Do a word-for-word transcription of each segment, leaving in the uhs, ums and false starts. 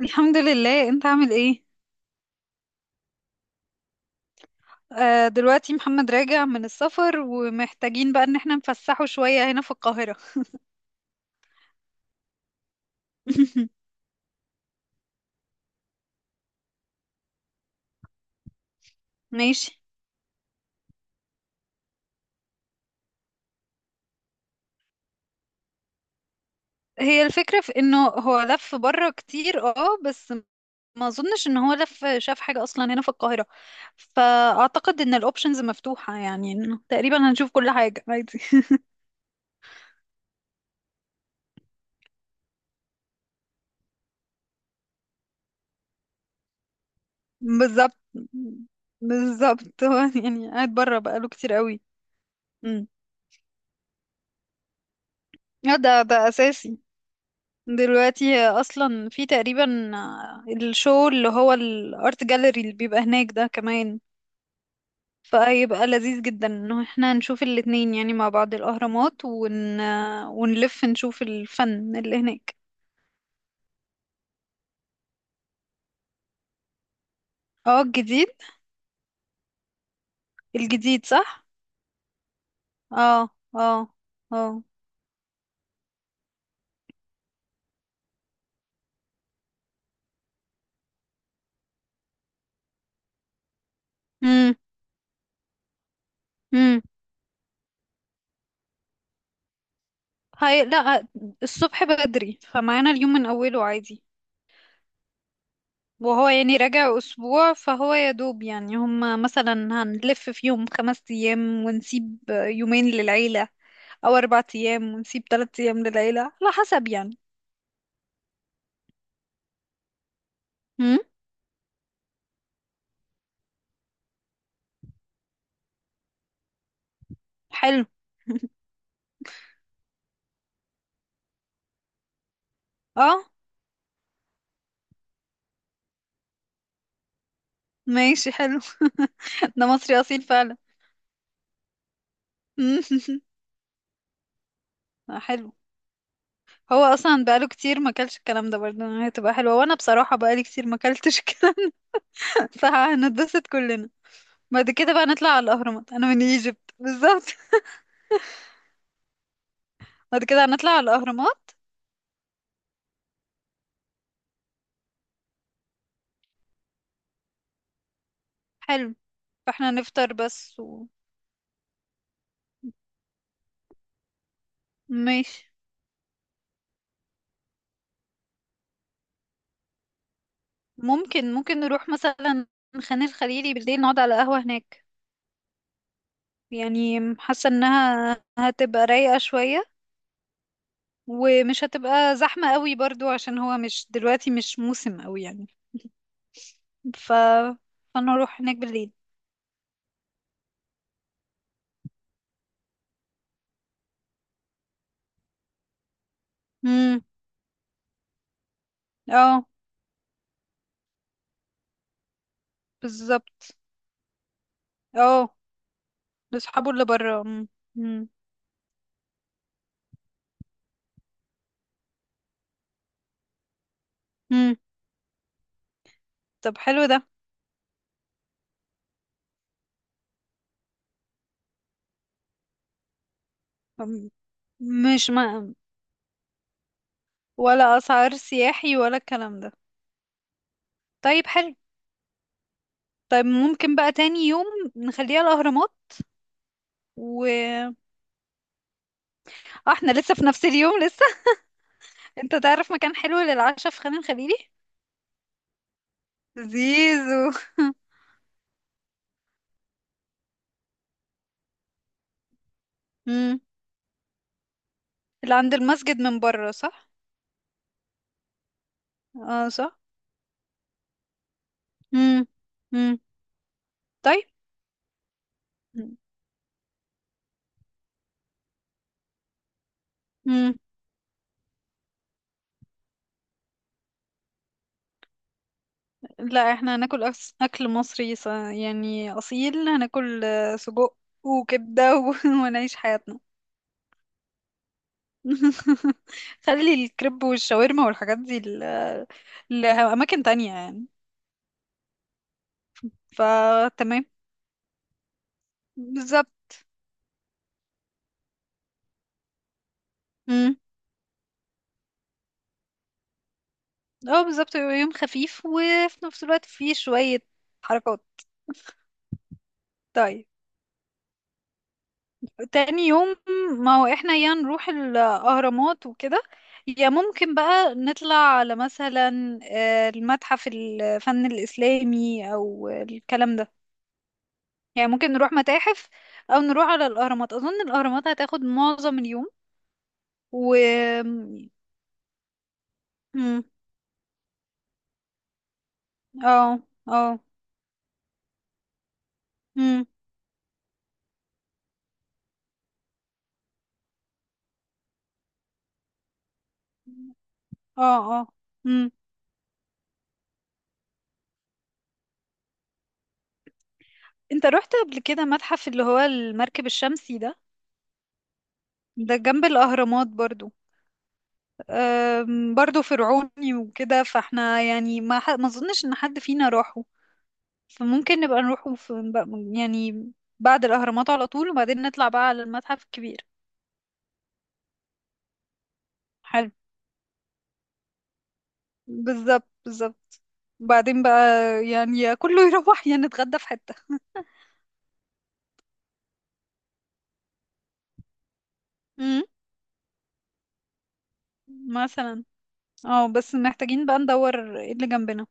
الحمد لله، انت عامل ايه؟ آه، دلوقتي محمد راجع من السفر ومحتاجين بقى ان احنا نفسحه شوية هنا في القاهرة. ماشي. هي الفكرة في انه هو لف بره كتير اه بس ما اظنش ان هو لف شاف حاجة اصلا هنا في القاهرة. فاعتقد ان الاوبشنز مفتوحة، يعني انه تقريبا هنشوف كل حاجة عادي. بالظبط. بالظبط هو يعني قاعد بره بقاله كتير قوي. مم. اه ده ده اساسي. دلوقتي اصلا في تقريبا الشو اللي هو الارت جاليري اللي بيبقى هناك ده كمان. فيبقى لذيذ جدا انه احنا نشوف الاتنين، يعني مع بعض الاهرامات ون... ونلف نشوف الفن اللي هناك. اه الجديد. الجديد صح. اه. اه. اه. امم امم هاي لا. الصبح بدري فمعانا اليوم من اوله عادي. وهو يعني راجع أسبوع فهو يا دوب يعني هم مثلا هنلف في يوم خمس أيام ونسيب يومين للعيلة، أو أربع أيام ونسيب تلات أيام للعيلة على حسب يعني. هم؟ حلو. اه ماشي حلو. ده مصري أصيل فعلا. مم. حلو. هو أصلا بقاله كتير ما كلش الكلام ده، برضه هتبقى حلوة وأنا بصراحة بقالي كتير ما كلتش الكلام ده فهنتبسط كلنا. بعد كده بقى نطلع على الأهرامات. أنا من ايجيبت بالظبط. بعد كده هنطلع على الأهرامات. حلو. فاحنا نفطر بس و... ماشي. ممكن ممكن نروح مثلا خان الخليلي بالليل نقعد على قهوة هناك. يعني حاسة انها هتبقى رايقة شوية ومش هتبقى زحمة قوي برضو عشان هو مش دلوقتي مش موسم قوي يعني. ف فنروح هناك بالليل. امم اه بالظبط. اه لاصحابه اللي بره. امم امم طب حلو ده. مم. مش ما ولا اسعار سياحي ولا الكلام ده. طيب حلو. طيب ممكن بقى تاني يوم نخليها الأهرامات. و اه احنا لسه في نفس اليوم لسه. انت تعرف مكان حلو للعشاء في خان الخليلي؟ زيزو. مم. اللي عند المسجد من بره صح. اه صح. مم. مم. طيب. مم. لا احنا هناكل أكس- اكل مصري ص- يعني اصيل. هناكل آه، سجق وكبده و... ونعيش حياتنا. خلي الكريب والشاورما والحاجات دي ل- لأماكن تانية يعني. فتمام بالظبط. امم اه بالظبط. يبقى يوم خفيف وفي نفس الوقت فيه شوية حركات. طيب تاني يوم، ما هو احنا يا نروح الأهرامات وكده، يا ممكن بقى نطلع على مثلا آه، المتحف الفن الإسلامي أو الكلام ده. يعني ممكن نروح متاحف أو نروح على الأهرامات. أظن الأهرامات هتاخد معظم اليوم. و مم. اه اه. مم. اه اه. مم. انت رحت قبل كده متحف اللي هو المركب الشمسي ده؟ ده جنب الأهرامات برضو. أم، برضو فرعوني وكده، فاحنا يعني ما ح... ما اظنش ان حد فينا راحه. فممكن نبقى نروحه في... ب- يعني بعد الأهرامات على طول وبعدين نطلع بقى على المتحف الكبير. حلو. بالظبط بالظبط. وبعدين بقى يعني يا كله يروح يا نتغدى في حتة. امم مثلا. اه بس محتاجين بقى ندور ايه اللي جنبنا.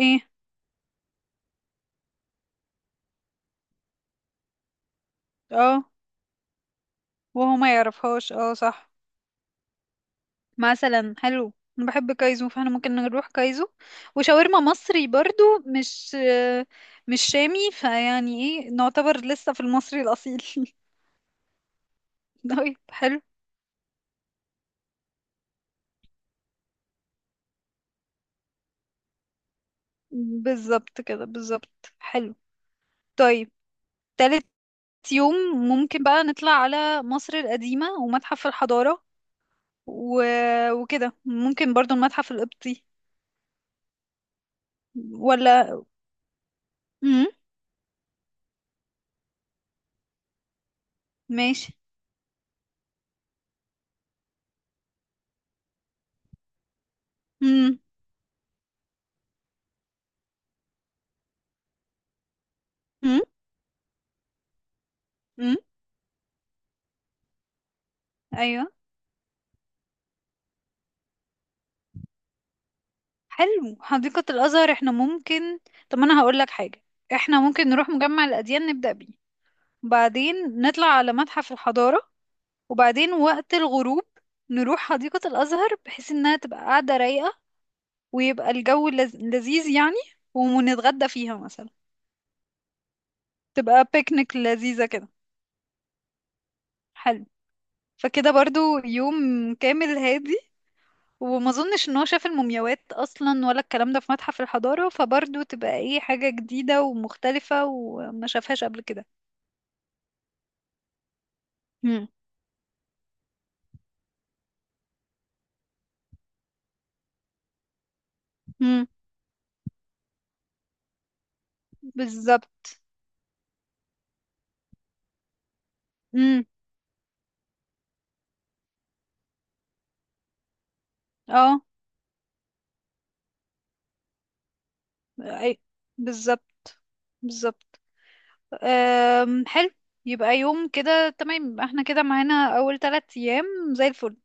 ايه. اه وهو ما يعرفهاش، اه صح. مثلا حلو. انا بحب كايزو فاحنا ممكن نروح كايزو. وشاورما مصري برضو مش مش شامي. فيعني ايه، نعتبر لسه في المصري الاصيل. طيب حلو. بالظبط كده بالظبط حلو. طيب تالت يوم ممكن بقى نطلع على مصر القديمة ومتحف الحضارة و... وكده ممكن برضو المتحف القبطي. ولا. امم ماشي. امم امم امم ايوه. حلو حديقة الأزهر. احنا ممكن. طب أنا هقول لك حاجة. احنا ممكن نروح مجمع الأديان نبدأ بيه، وبعدين نطلع على متحف الحضارة، وبعدين وقت الغروب نروح حديقة الأزهر بحيث إنها تبقى قاعدة رايقة ويبقى الجو لز... لذيذ يعني. ونتغدى فيها مثلا. تبقى بيكنيك لذيذة كده. حلو. فكده برضو يوم كامل هادي. وما اظنش ان هو شاف المومياوات اصلا ولا الكلام ده في متحف الحضارة فبرضه تبقى ايه حاجة جديدة ومختلفة وما شافهاش قبل كده. مم. مم. بالظبط. امم اه. أي- بالظبط بالظبط. أم، حلو. يبقى يوم كده تمام. يبقى احنا كده معانا اول ثلاث ايام زي الفل.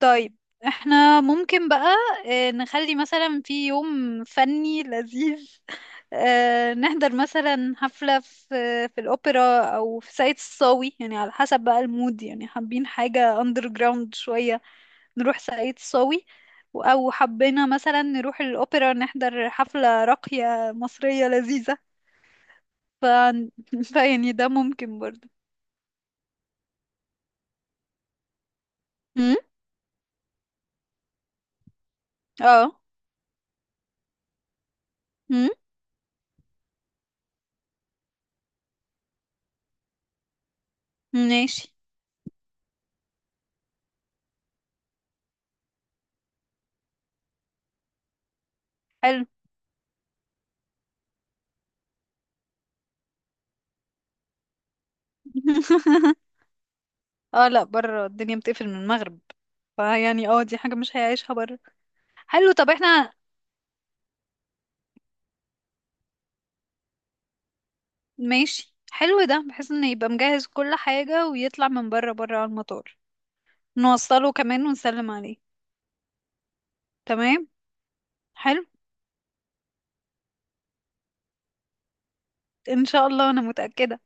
طيب احنا ممكن بقى آه، نخلي مثلا في يوم فني لذيذ. آه، نحضر مثلا حفلة في في الأوبرا أو في ساقية الصاوي. يعني على حسب بقى المود، يعني حابين حاجة أندر جراوند شوية نروح ساقية الصاوي، و- أو حبينا مثلا نروح الأوبرا نحضر حفلة راقية مصرية لذيذة. ف... فيعني ده ممكن برضه. مم؟ اه. مم؟ ماشي حلو. اه لا، بره الدنيا بتقفل من المغرب. فيعني اه دي حاجة مش هيعيشها بره. حلو. طب احنا ماشي حلو ده بحيث انه يبقى مجهز كل حاجة ويطلع من بره بره على المطار. نوصله كمان ونسلم عليه. تمام. حلو. ان شاء الله. انا متأكدة.